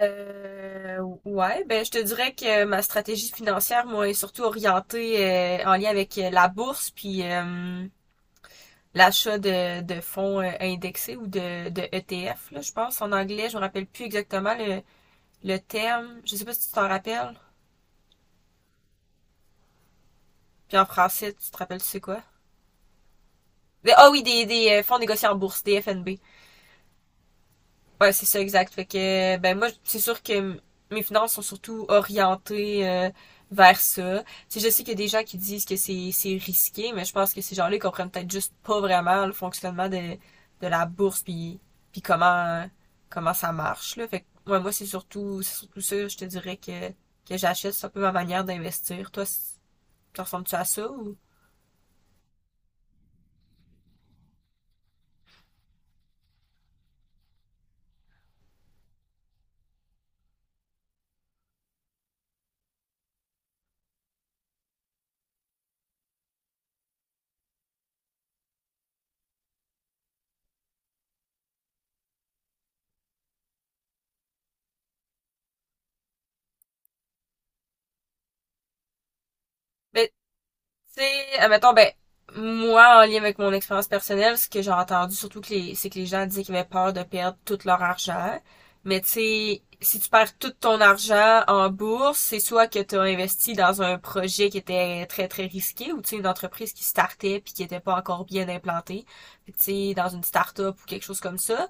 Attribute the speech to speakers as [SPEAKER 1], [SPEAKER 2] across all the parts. [SPEAKER 1] Ouais, ben je te dirais que ma stratégie financière, moi, est surtout orientée en lien avec la bourse puis l'achat de fonds indexés ou de ETF, là, je pense. En anglais, je me rappelle plus exactement le terme. Je sais pas si tu t'en rappelles. Puis en français, tu te rappelles, tu sais quoi? Ah oui, des fonds négociés en bourse, des FNB. Ouais, c'est ça, exact. Fait que, ben moi, c'est sûr que mes finances sont surtout orientées vers ça. Tu sais, je sais qu'il y a des gens qui disent que c'est risqué, mais je pense que ces gens-là ils comprennent peut-être juste pas vraiment le fonctionnement de la bourse, puis comment ça marche, là. Fait que, ouais, moi, c'est surtout ça, je te dirais que j'achète. C'est un peu ma manière d'investir. Toi, tu ressembles-tu à ça ou... Ben, tu sais, admettons, ben, moi, en lien avec mon expérience personnelle, ce que j'ai entendu, surtout que c'est que les gens disaient qu'ils avaient peur de perdre tout leur argent. Mais tu sais, si tu perds tout ton argent en bourse, c'est soit que tu as investi dans un projet qui était très très risqué ou tu sais une entreprise qui startait puis qui était pas encore bien implantée. Fait que, tu sais, dans une start-up ou quelque chose comme ça,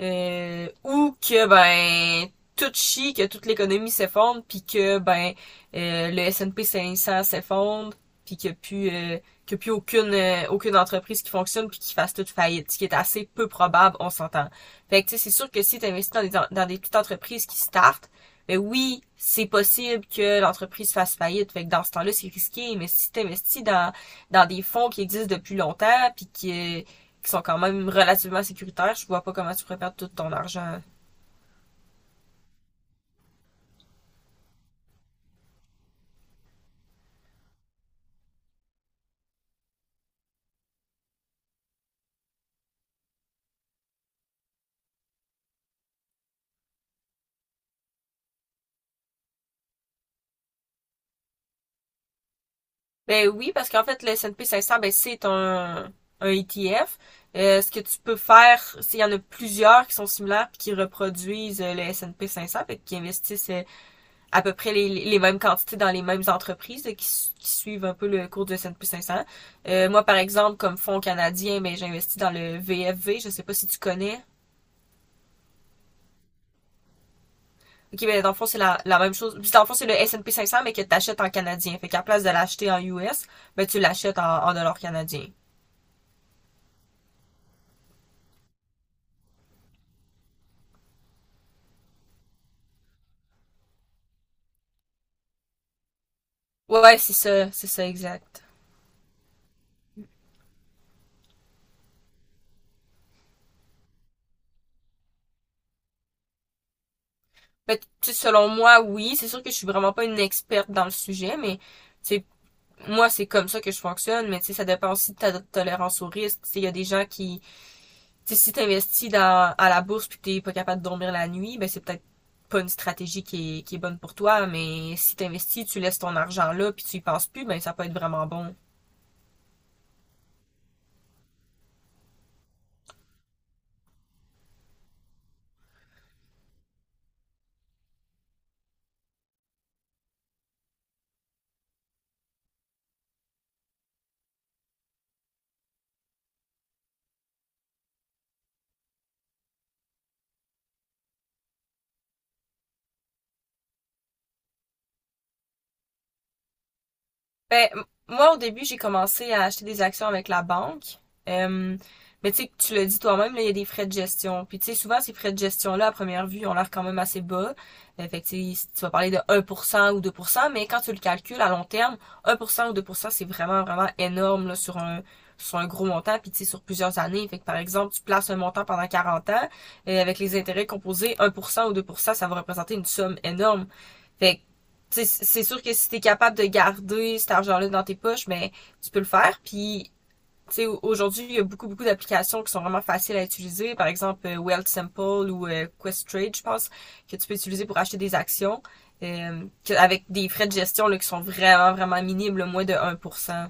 [SPEAKER 1] ou que ben tout chie, que toute l'économie s'effondre, puis que ben le S&P 500 s'effondre, puis qu'il y a plus aucune entreprise qui fonctionne puis qui fasse toute faillite, ce qui est assez peu probable, on s'entend. Fait que tu sais, c'est sûr que si tu investis dans des petites entreprises qui startent, ben oui, c'est possible que l'entreprise fasse faillite. Fait que dans ce temps-là, c'est risqué, mais si tu investis dans des fonds qui existent depuis longtemps puis qui sont quand même relativement sécuritaires, je vois pas comment tu pourrais perdre tout ton argent. Ben oui, parce qu'en fait, le S&P 500, ben c'est un ETF. Ce que tu peux faire, c'est il y en a plusieurs qui sont similaires puis qui reproduisent le S&P 500, fait, qui investissent à peu près les mêmes quantités dans les mêmes entreprises qui suivent un peu le cours du S&P 500. Moi, par exemple, comme fonds canadien, mais j'investis dans le VFV. Je sais pas si tu connais. Ok, mais dans le fond, c'est la même chose. Puis dans le fond, c'est le S&P 500, mais que t'achètes en canadien. Fait qu'à place de l'acheter en US, ben tu l'achètes en dollars canadiens. Ouais, ouais, c'est ça, exact. Mais tu sais, selon moi, oui, c'est sûr que je suis vraiment pas une experte dans le sujet, mais c'est moi, c'est comme ça que je fonctionne, mais tu sais, ça dépend aussi de ta tolérance au risque. Tu sais, il y a des gens qui, tu sais, si t'investis à la bourse puis que t'es pas capable de dormir la nuit, ben c'est peut-être pas une stratégie qui est bonne pour toi, mais si t'investis, tu laisses ton argent là puis tu y penses plus, ben ça peut être vraiment bon. Ben, moi, au début, j'ai commencé à acheter des actions avec la banque. Euh, mais tu sais, tu le dis toi-même, là, il y a des frais de gestion. Puis tu sais, souvent, ces frais de gestion-là, à première vue, ont l'air quand même assez bas. Fait que tu sais, si tu vas parler de 1% ou 2%, mais quand tu le calcules à long terme, 1% ou 2%, c'est vraiment, vraiment énorme là, sur un gros montant, puis tu sais, sur plusieurs années. Fait que par exemple, tu places un montant pendant 40 ans, et avec les intérêts composés, 1% ou 2%, ça va représenter une somme énorme. Fait que, c'est sûr que si t'es capable de garder cet argent-là dans tes poches, ben, tu peux le faire. Puis, tu sais, aujourd'hui, il y a beaucoup, beaucoup d'applications qui sont vraiment faciles à utiliser. Par exemple, Wealth ou Quest je pense, que tu peux utiliser pour acheter des actions, euh, avec des frais de gestion là, qui sont vraiment, vraiment minimes, là, moins de 1%.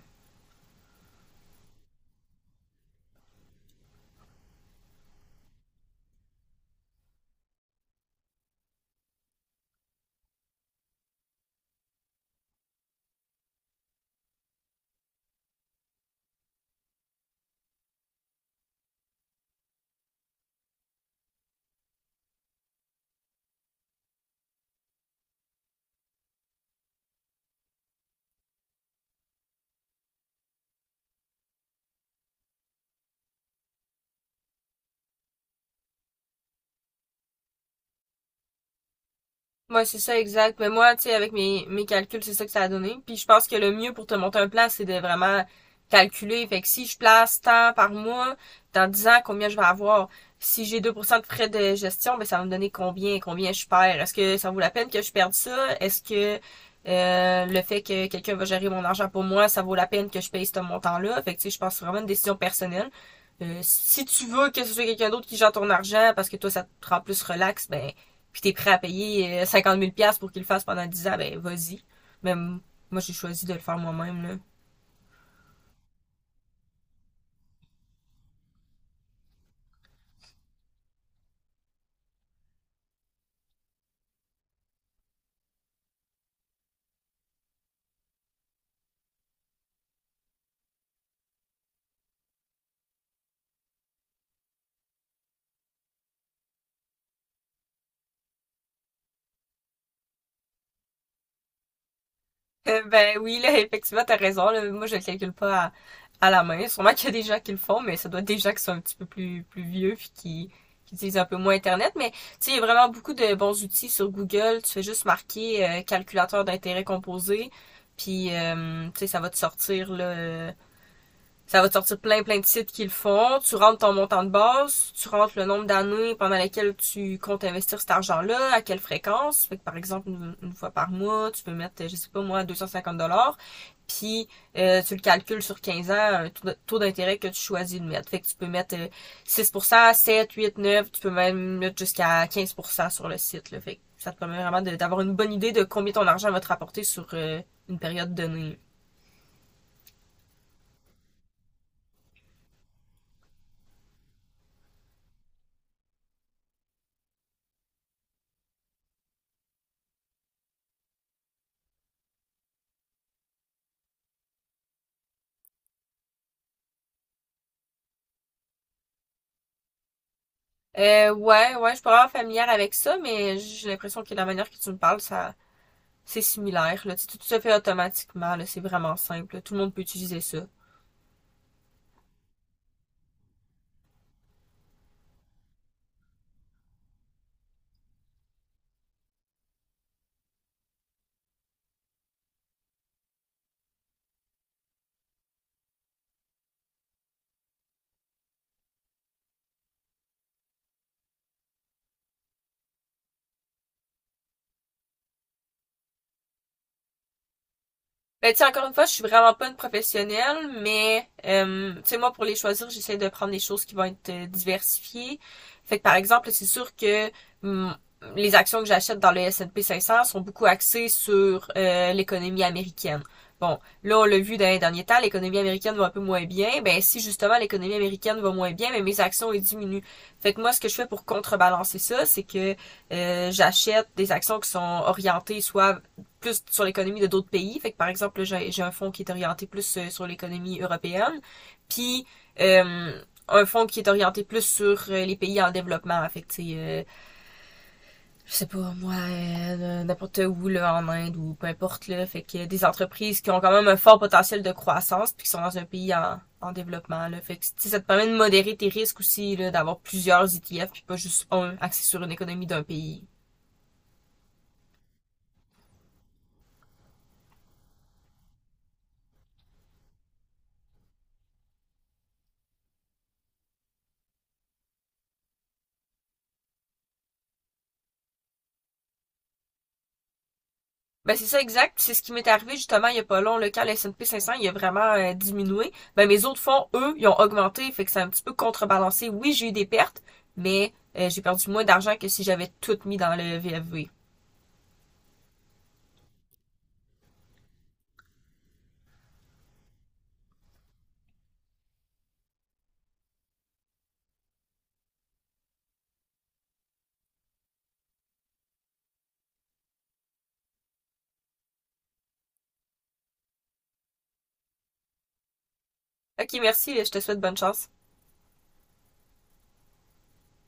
[SPEAKER 1] Ouais, c'est ça, exact. Mais moi, tu sais, avec mes calculs, c'est ça que ça a donné. Puis je pense que le mieux pour te monter un plan, c'est de vraiment calculer. Fait que si je place tant par mois, dans 10 ans, combien je vais avoir? Si j'ai 2% de frais de gestion, ben ça va me donner combien, je perds. Est-ce que ça vaut la peine que je perde ça? Est-ce que le fait que quelqu'un va gérer mon argent pour moi, ça vaut la peine que je paye ce montant-là? Fait que tu sais, je pense que c'est vraiment une décision personnelle. Si tu veux que ce soit quelqu'un d'autre qui gère ton argent parce que toi, ça te rend plus relax, ben puis t'es prêt à payer 50 000 pour qu'il le fasse pendant 10 ans, ben vas-y. Mais moi, j'ai choisi de le faire moi-même, là. Ben oui, là, effectivement, t'as raison. Là. Moi, je le calcule pas à la main. Sûrement qu'il y a des gens qui le font, mais ça doit être des gens qui sont un petit peu plus vieux puis qui utilisent un peu moins Internet. Mais tu sais, il y a vraiment beaucoup de bons outils sur Google. Tu fais juste marquer calculateur d'intérêt composé, puis tu sais, ça va te sortir là, ça va te sortir plein plein de sites qui le font. Tu rentres ton montant de base, tu rentres le nombre d'années pendant lesquelles tu comptes investir cet argent-là, à quelle fréquence. Fait que par exemple, une fois par mois, tu peux mettre, je sais pas moi, 250 dollars. Puis tu le calcules sur 15 ans, un taux d'intérêt que tu choisis de mettre. Fait que tu peux mettre 6%, 7, 8, 9, tu peux même mettre jusqu'à 15% sur le site. Là. Fait que ça te permet vraiment d'avoir une bonne idée de combien ton argent va te rapporter sur une période donnée. Ouais, ouais, je suis pas vraiment familière avec ça, mais j'ai l'impression que la manière que tu me parles, ça, c'est similaire, là. Tu sais, tout se fait automatiquement, là. C'est vraiment simple, là. Tout le monde peut utiliser ça. Ben, tu sais, encore une fois, je suis vraiment pas une professionnelle, mais, tu sais, moi, pour les choisir, j'essaie de prendre des choses qui vont être diversifiées. Fait que, par exemple, c'est sûr que hum, les actions que j'achète dans le S&P 500 sont beaucoup axées sur l'économie américaine. Bon, là, on l'a vu dans les derniers temps, l'économie américaine va un peu moins bien. Ben, si justement l'économie américaine va moins bien, ben, mes actions, elles diminuent. Fait que moi, ce que je fais pour contrebalancer ça, c'est que j'achète des actions qui sont orientées soit plus sur l'économie de d'autres pays. Fait que par exemple, j'ai un fonds qui est orienté plus sur l'économie européenne, puis euh, un fonds qui est orienté plus sur les pays en développement. Fait que tu sais, je sais pas moi, n'importe où là en Inde ou peu importe là. Fait que des entreprises qui ont quand même un fort potentiel de croissance puis qui sont dans un pays en développement là. Fait que ça te permet de modérer tes risques aussi là, d'avoir plusieurs ETF puis pas juste un axé sur une économie d'un pays. Ben, c'est ça, exact. C'est ce qui m'est arrivé justement il y a pas long, là, quand le S&P 500, il a vraiment diminué. Ben, mes autres fonds, eux, ils ont augmenté, fait que c'est un petit peu contrebalancé. Oui, j'ai eu des pertes, mais j'ai perdu moins d'argent que si j'avais tout mis dans le VFV. Ok, merci, je te souhaite bonne chance.